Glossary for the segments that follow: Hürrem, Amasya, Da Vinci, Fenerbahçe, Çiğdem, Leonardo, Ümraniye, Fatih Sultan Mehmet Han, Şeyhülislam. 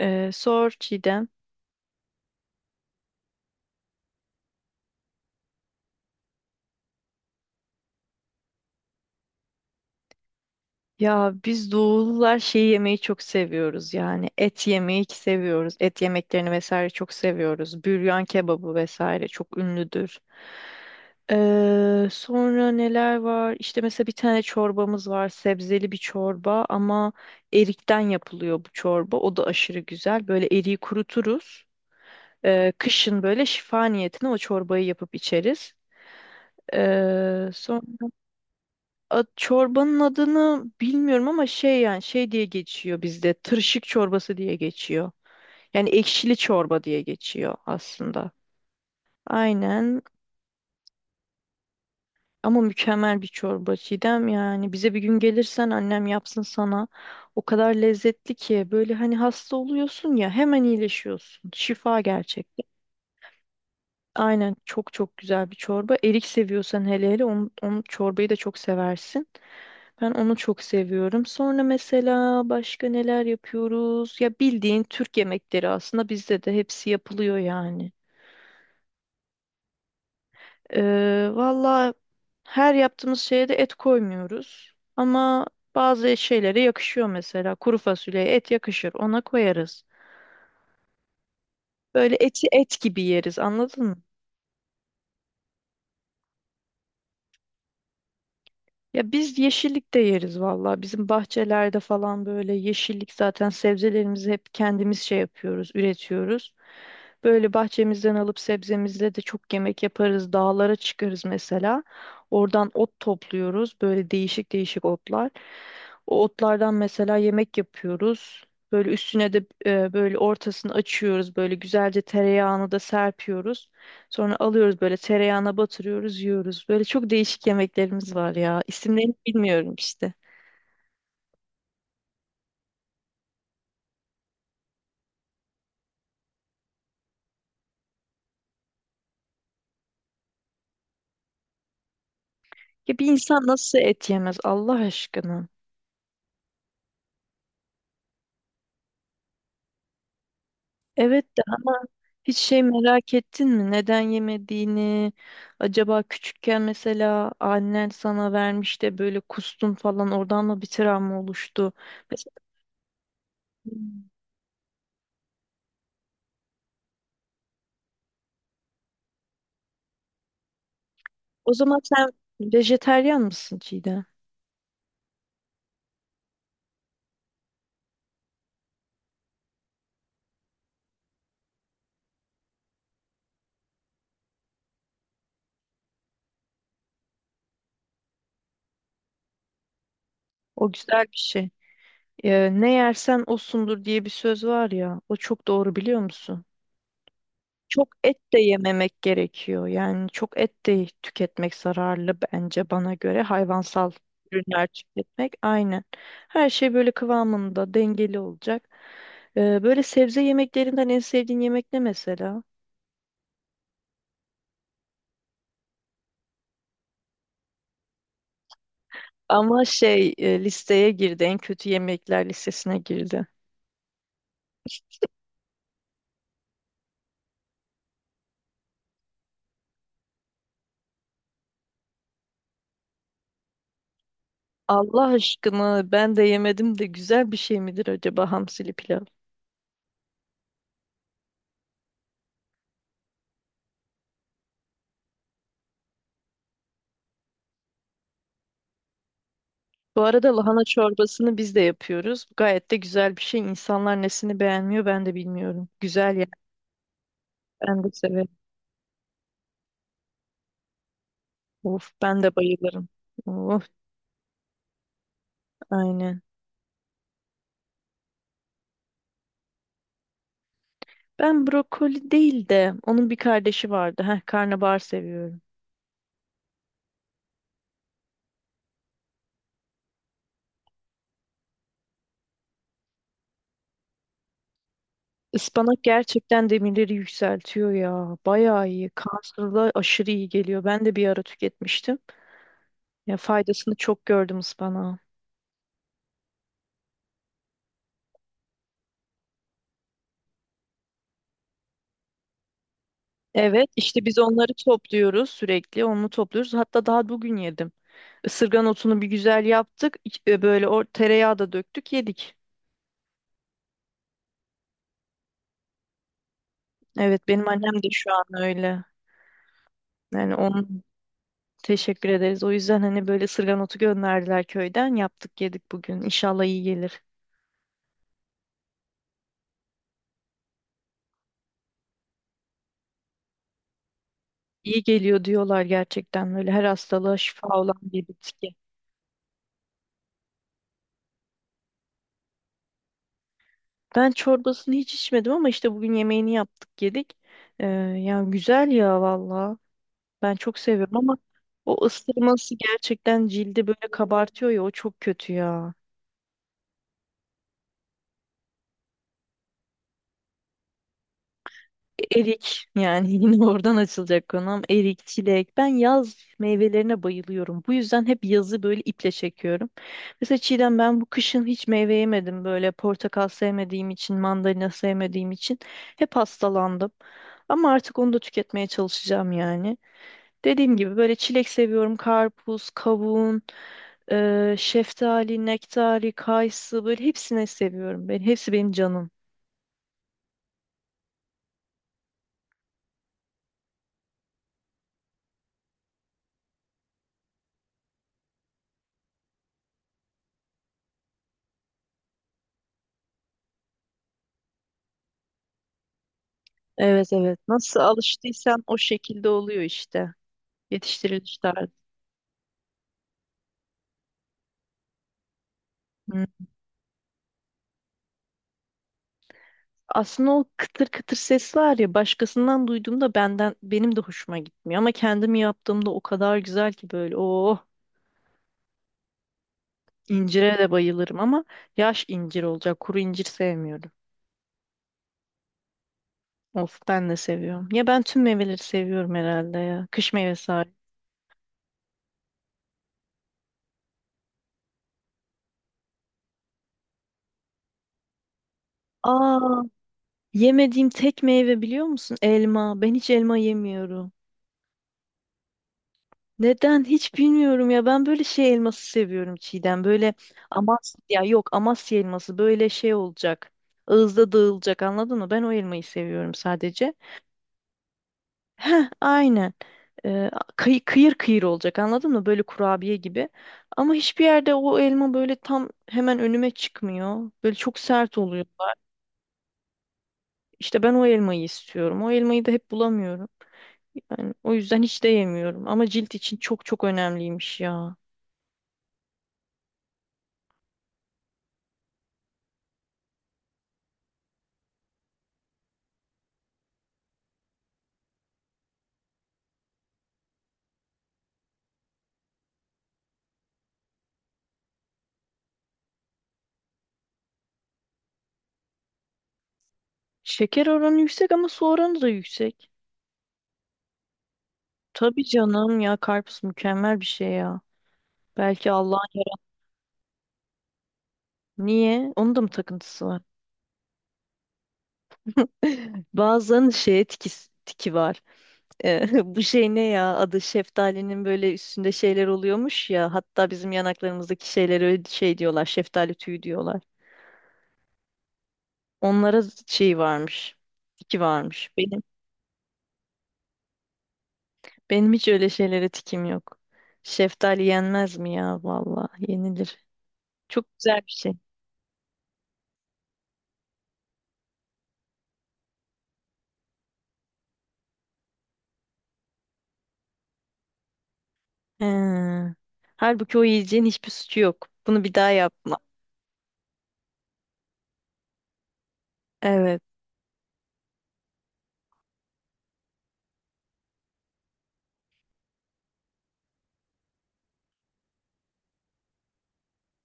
Sor Çiğdem. Ya biz doğulular şeyi yemeyi çok seviyoruz yani et yemeyi ki seviyoruz. Et yemeklerini vesaire çok seviyoruz. Büryan kebabı vesaire çok ünlüdür. Sonra neler var? İşte mesela bir tane çorbamız var. Sebzeli bir çorba ama erikten yapılıyor bu çorba. O da aşırı güzel. Böyle eriği kuruturuz. Kışın böyle şifa niyetine o çorbayı yapıp içeriz. Ee, Çorbanın adını bilmiyorum ama şey yani şey diye geçiyor bizde. Tırşık çorbası diye geçiyor. Yani ekşili çorba diye geçiyor aslında. Aynen ama mükemmel bir çorba Çiğdem, yani bize bir gün gelirsen annem yapsın sana. O kadar lezzetli ki böyle hani hasta oluyorsun ya hemen iyileşiyorsun. Şifa gerçek. Aynen çok çok güzel bir çorba. Erik seviyorsan hele hele onu çorbayı da çok seversin. Ben onu çok seviyorum. Sonra mesela başka neler yapıyoruz? Ya bildiğin Türk yemekleri aslında bizde de hepsi yapılıyor yani. Valla, her yaptığımız şeye de et koymuyoruz. Ama bazı şeylere yakışıyor mesela. Kuru fasulyeye et yakışır, ona koyarız. Böyle eti et gibi yeriz, anladın mı? Ya biz yeşillik de yeriz valla. Bizim bahçelerde falan böyle yeşillik, zaten sebzelerimizi hep kendimiz şey yapıyoruz, üretiyoruz. Böyle bahçemizden alıp sebzemizle de çok yemek yaparız. Dağlara çıkarız mesela. Oradan ot topluyoruz. Böyle değişik değişik otlar. O otlardan mesela yemek yapıyoruz. Böyle üstüne böyle ortasını açıyoruz. Böyle güzelce tereyağını da serpiyoruz. Sonra alıyoruz böyle tereyağına batırıyoruz, yiyoruz. Böyle çok değişik yemeklerimiz var ya. İsimlerini bilmiyorum işte. Ya bir insan nasıl et yemez Allah aşkına? Evet de ama hiç şey merak ettin mi? Neden yemediğini? Acaba küçükken mesela annen sana vermiş de böyle kustun falan, oradan mı bir travma oluştu? Mesela, o zaman sen vejeteryan mısın Çiğdem? O güzel bir şey. Ne yersen osundur diye bir söz var ya. O çok doğru, biliyor musun? Çok et de yememek gerekiyor. Yani çok et de tüketmek zararlı bence, bana göre. Hayvansal ürünler tüketmek aynen. Her şey böyle kıvamında, dengeli olacak. Böyle sebze yemeklerinden en sevdiğin yemek ne mesela? Ama listeye girdi. En kötü yemekler listesine girdi. Allah aşkına ben de yemedim de güzel bir şey midir acaba hamsili pilav? Bu arada lahana çorbasını biz de yapıyoruz. Gayet de güzel bir şey. İnsanlar nesini beğenmiyor ben de bilmiyorum. Güzel yani. Ben de severim. Of ben de bayılırım. Of aynen. Ben brokoli değil de onun bir kardeşi vardı. Heh, karnabahar seviyorum. Ispanak gerçekten demirleri yükseltiyor ya. Bayağı iyi. Kanserla aşırı iyi geliyor. Ben de bir ara tüketmiştim. Ya faydasını çok gördüm ıspanağın. Evet, işte biz onları topluyoruz sürekli. Onu topluyoruz. Hatta daha bugün yedim. Isırgan otunu bir güzel yaptık. Böyle o tereyağı da döktük, yedik. Evet, benim annem de şu an öyle. Yani onun teşekkür ederiz. O yüzden hani böyle ısırgan otu gönderdiler köyden. Yaptık, yedik bugün. İnşallah iyi gelir. İyi geliyor diyorlar, gerçekten böyle her hastalığa şifa olan bir bitki. Ben çorbasını hiç içmedim ama işte bugün yemeğini yaptık, yedik. Ee, yani güzel ya valla. Ben çok seviyorum ama o ısırması gerçekten cildi böyle kabartıyor ya, o çok kötü ya. Erik yani yine oradan açılacak konum. Erik, çilek. Ben yaz meyvelerine bayılıyorum. Bu yüzden hep yazı böyle iple çekiyorum. Mesela Çiğdem ben bu kışın hiç meyve yemedim. Böyle portakal sevmediğim için, mandalina sevmediğim için hep hastalandım. Ama artık onu da tüketmeye çalışacağım yani. Dediğim gibi böyle çilek seviyorum. Karpuz, kavun, şeftali, nektari, kayısı böyle hepsini seviyorum. Ben, hepsi benim canım. Evet evet. Nasıl alıştıysan o şekilde oluyor işte. Yetiştiriliş tarzı. Hı. Aslında o kıtır kıtır ses var ya, başkasından duyduğumda benim de hoşuma gitmiyor ama kendim yaptığımda o kadar güzel ki böyle oh. incire de bayılırım ama yaş incir olacak, kuru incir sevmiyorum. Of ben de seviyorum. Ya ben tüm meyveleri seviyorum herhalde ya. Kış meyvesi hariç. Aa, yemediğim tek meyve biliyor musun? Elma. Ben hiç elma yemiyorum. Neden hiç bilmiyorum ya, ben böyle şey elması seviyorum Çiğdem, böyle Amasya ya, yok Amasya elması böyle şey olacak, ağızda dağılacak, anladın mı? Ben o elmayı seviyorum sadece. Heh, aynen. Ee, kıyır kıyır olacak anladın mı, böyle kurabiye gibi, ama hiçbir yerde o elma böyle tam hemen önüme çıkmıyor, böyle çok sert oluyor. İşte ben o elmayı istiyorum, o elmayı da hep bulamıyorum. Yani o yüzden hiç de yemiyorum ama cilt için çok çok önemliymiş ya. Şeker oranı yüksek ama su oranı da yüksek. Tabii canım ya, karpuz mükemmel bir şey ya. Belki Allah. Niye? Onun da mı takıntısı var? Bazen şeye tiki, tiki var. Eh, bu şey ne ya? Adı, şeftalinin böyle üstünde şeyler oluyormuş ya. Hatta bizim yanaklarımızdaki şeylere öyle şey diyorlar. Şeftali tüyü diyorlar. Onlara şey varmış. Tiki varmış. Benim hiç öyle şeylere tikim yok. Şeftali yenmez mi ya? Vallahi yenilir. Çok güzel bir şey. He. Halbuki o yiyeceğin hiçbir suçu yok. Bunu bir daha yapma. Evet.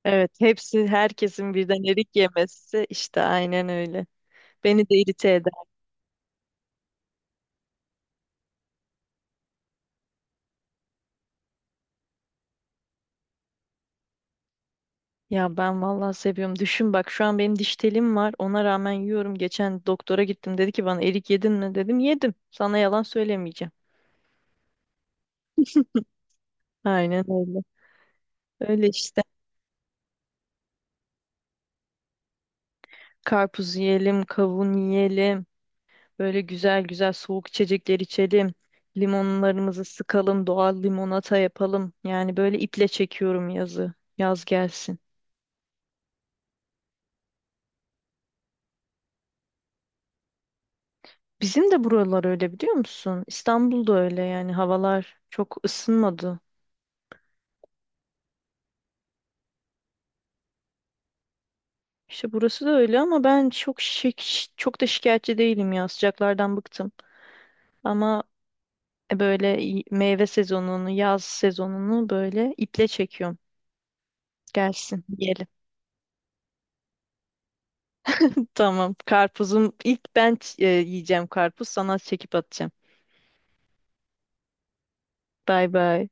Evet. Hepsi, herkesin birden erik yemesi, işte aynen öyle. Beni de irite eder. Ya ben vallahi seviyorum. Düşün bak, şu an benim diş telim var. Ona rağmen yiyorum. Geçen doktora gittim. Dedi ki bana, erik yedin mi? Dedim yedim. Sana yalan söylemeyeceğim. Aynen öyle. Öyle işte. Karpuz yiyelim, kavun yiyelim. Böyle güzel güzel soğuk içecekler içelim. Limonlarımızı sıkalım, doğal limonata yapalım. Yani böyle iple çekiyorum yazı. Yaz gelsin. Bizim de buralar öyle, biliyor musun? İstanbul'da öyle yani, havalar çok ısınmadı. İşte burası da öyle ama ben çok da şikayetçi değilim ya. Sıcaklardan bıktım. Ama böyle meyve sezonunu, yaz sezonunu böyle iple çekiyorum. Gelsin, yiyelim. Tamam. Karpuzum, ilk ben yiyeceğim karpuz. Sana çekip atacağım. Bay bay.